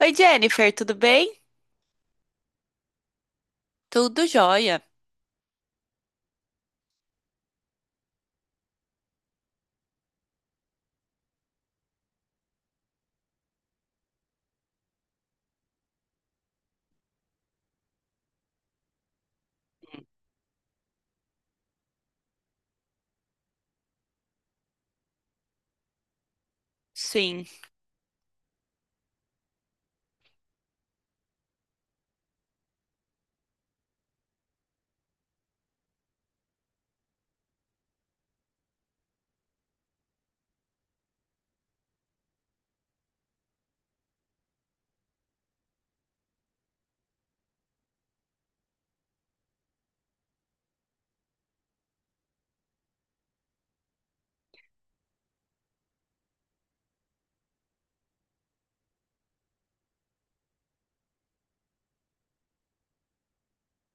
Oi, Jennifer, tudo bem? Tudo jóia. Sim,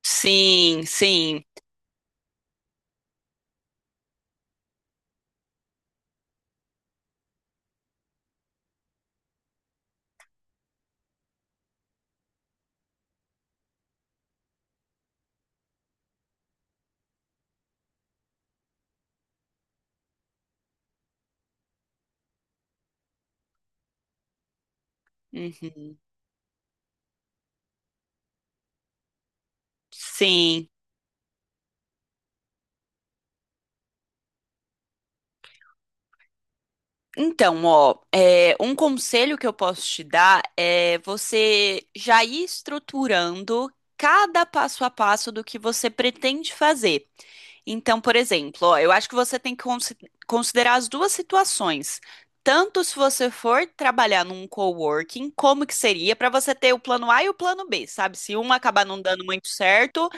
sim, sim. Uhum. Sim. Então, ó, um conselho que eu posso te dar é você já ir estruturando cada passo a passo do que você pretende fazer. Então, por exemplo, ó, eu acho que você tem que considerar as duas situações. Tanto se você for trabalhar num coworking, como que seria para você ter o plano A e o plano B, sabe? Se um acabar não dando muito certo,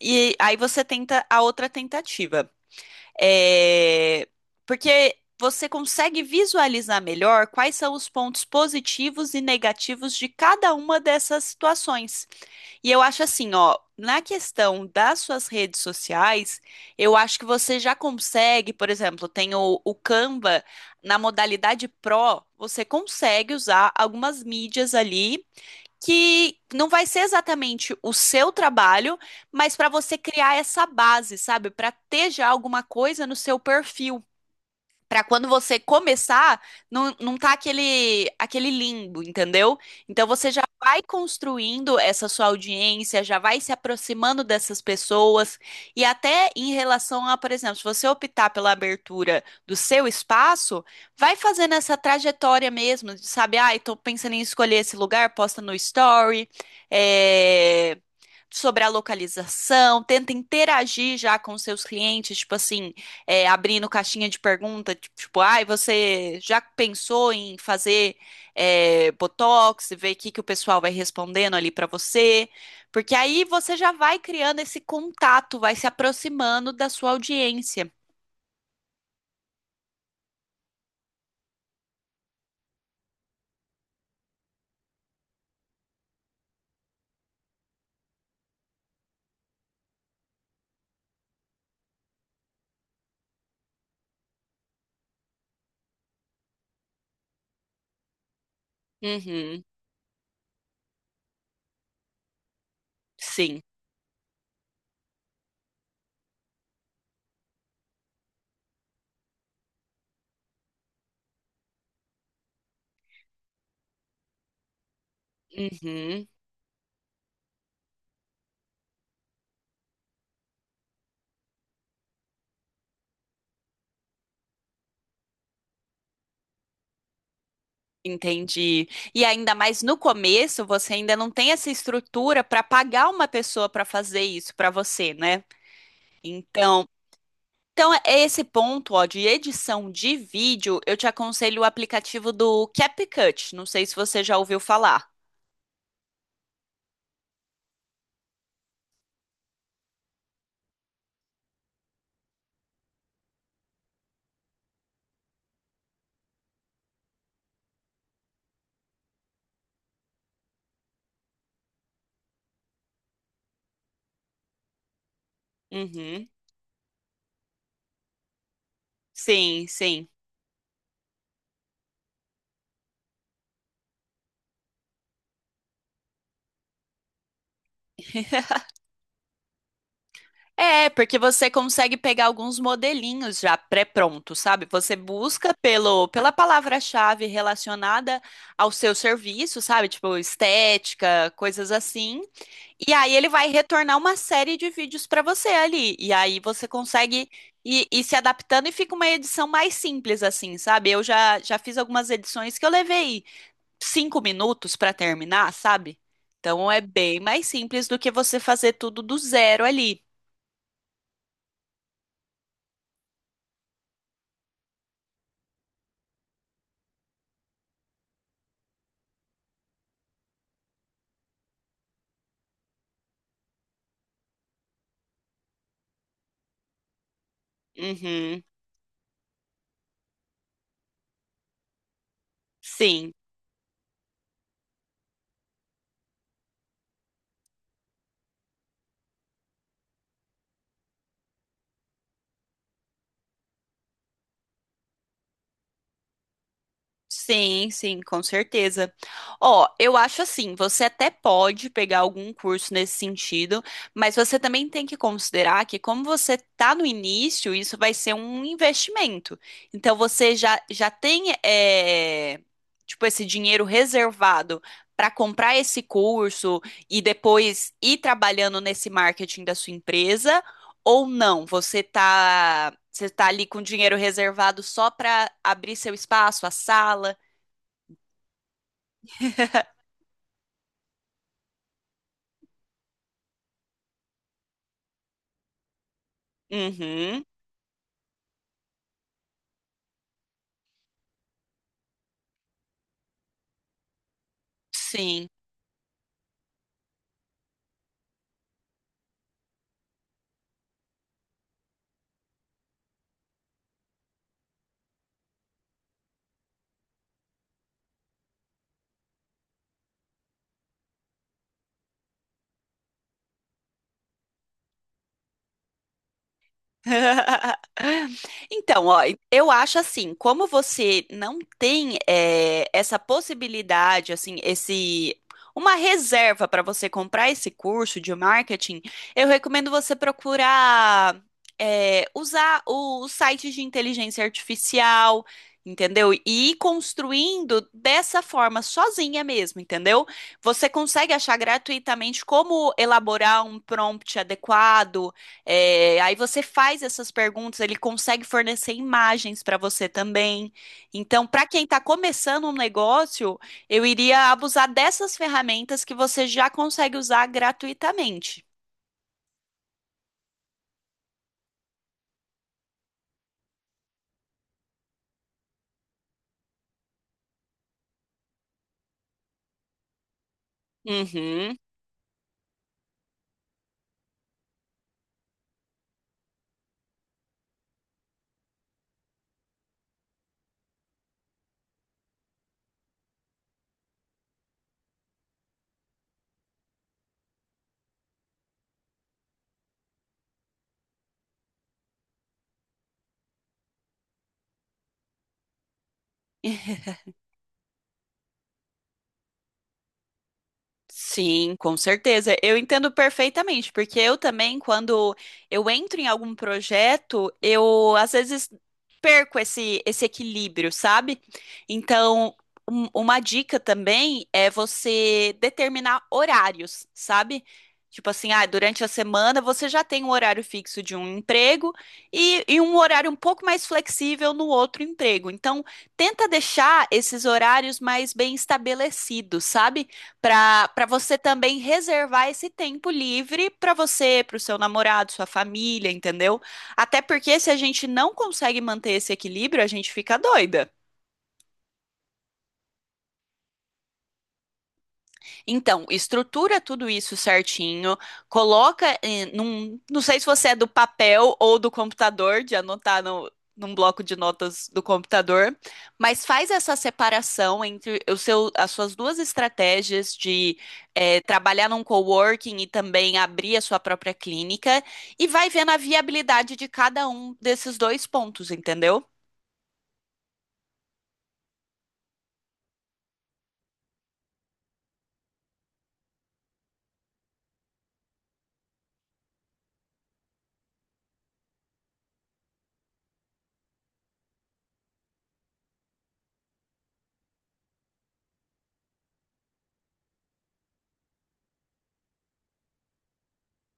e aí você tenta a outra tentativa. É, Porque você consegue visualizar melhor quais são os pontos positivos e negativos de cada uma dessas situações. E eu acho assim, ó, na questão das suas redes sociais, eu acho que você já consegue, por exemplo, tem o Canva na modalidade Pro, você consegue usar algumas mídias ali que não vai ser exatamente o seu trabalho, mas para você criar essa base, sabe? Para ter já alguma coisa no seu perfil. Pra quando você começar, não tá aquele limbo, entendeu? Então você já vai construindo essa sua audiência, já vai se aproximando dessas pessoas. E até em relação a, por exemplo, se você optar pela abertura do seu espaço, vai fazendo essa trajetória mesmo, de, sabe? Ah, tô pensando em escolher esse lugar, posta no story, é, sobre a localização, tenta interagir já com seus clientes, tipo assim abrindo caixinha de pergunta, tipo, ai, você já pensou em fazer Botox e ver o que que o pessoal vai respondendo ali pra você? Porque aí você já vai criando esse contato, vai se aproximando da sua audiência. Uhum, sim. Uhum, entendi. E ainda mais no começo, você ainda não tem essa estrutura para pagar uma pessoa para fazer isso para você, né? Então, então, é esse ponto, ó, de edição de vídeo, eu te aconselho o aplicativo do CapCut. Não sei se você já ouviu falar. Uhum. Sim, sim. É, porque você consegue pegar alguns modelinhos já pré-prontos, sabe? Você busca pela palavra-chave relacionada ao seu serviço, sabe? Tipo, estética, coisas assim. E aí ele vai retornar uma série de vídeos para você ali. E aí você consegue ir se adaptando e fica uma edição mais simples, assim, sabe? Eu já fiz algumas edições que eu levei 5 minutos para terminar, sabe? Então é bem mais simples do que você fazer tudo do zero ali. Uhum, sim. Sim, sim, com certeza. Ó, eu acho assim, você até pode pegar algum curso nesse sentido, mas você também tem que considerar que como você está no início, isso vai ser um investimento. Então você já tem tipo esse dinheiro reservado para comprar esse curso e depois ir trabalhando nesse marketing da sua empresa ou não? Você está ali com dinheiro reservado só para abrir seu espaço, a sala. Uhum. Sim. Então, ó, eu acho assim, como você não tem essa possibilidade, assim, esse uma reserva para você comprar esse curso de marketing, eu recomendo você procurar usar os sites de inteligência artificial, entendeu? E ir construindo dessa forma, sozinha mesmo, entendeu? Você consegue achar gratuitamente como elaborar um prompt adequado, aí você faz essas perguntas, ele consegue fornecer imagens para você também. Então, para quem está começando um negócio, eu iria abusar dessas ferramentas que você já consegue usar gratuitamente. Uhum. Sim, com certeza. Eu entendo perfeitamente, porque eu também, quando eu entro em algum projeto, eu às vezes perco esse equilíbrio, sabe? Então, uma dica também é você determinar horários, sabe? Tipo assim, ah, durante a semana você já tem um horário fixo de um emprego e um horário um pouco mais flexível no outro emprego. Então, tenta deixar esses horários mais bem estabelecidos, sabe? Para você também reservar esse tempo livre para você, para o seu namorado, sua família, entendeu? Até porque se a gente não consegue manter esse equilíbrio, a gente fica doida. Então, estrutura tudo isso certinho, coloca em, num, não sei se você é do papel ou do computador, de anotar no, num bloco de notas do computador, mas faz essa separação entre o seu, as suas duas estratégias de trabalhar num coworking e também abrir a sua própria clínica, e vai vendo a viabilidade de cada um desses dois pontos, entendeu?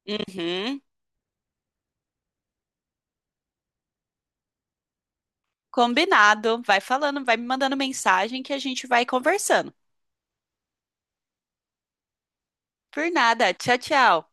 Uhum, combinado. Vai falando, vai me mandando mensagem que a gente vai conversando. Por nada. Tchau, tchau.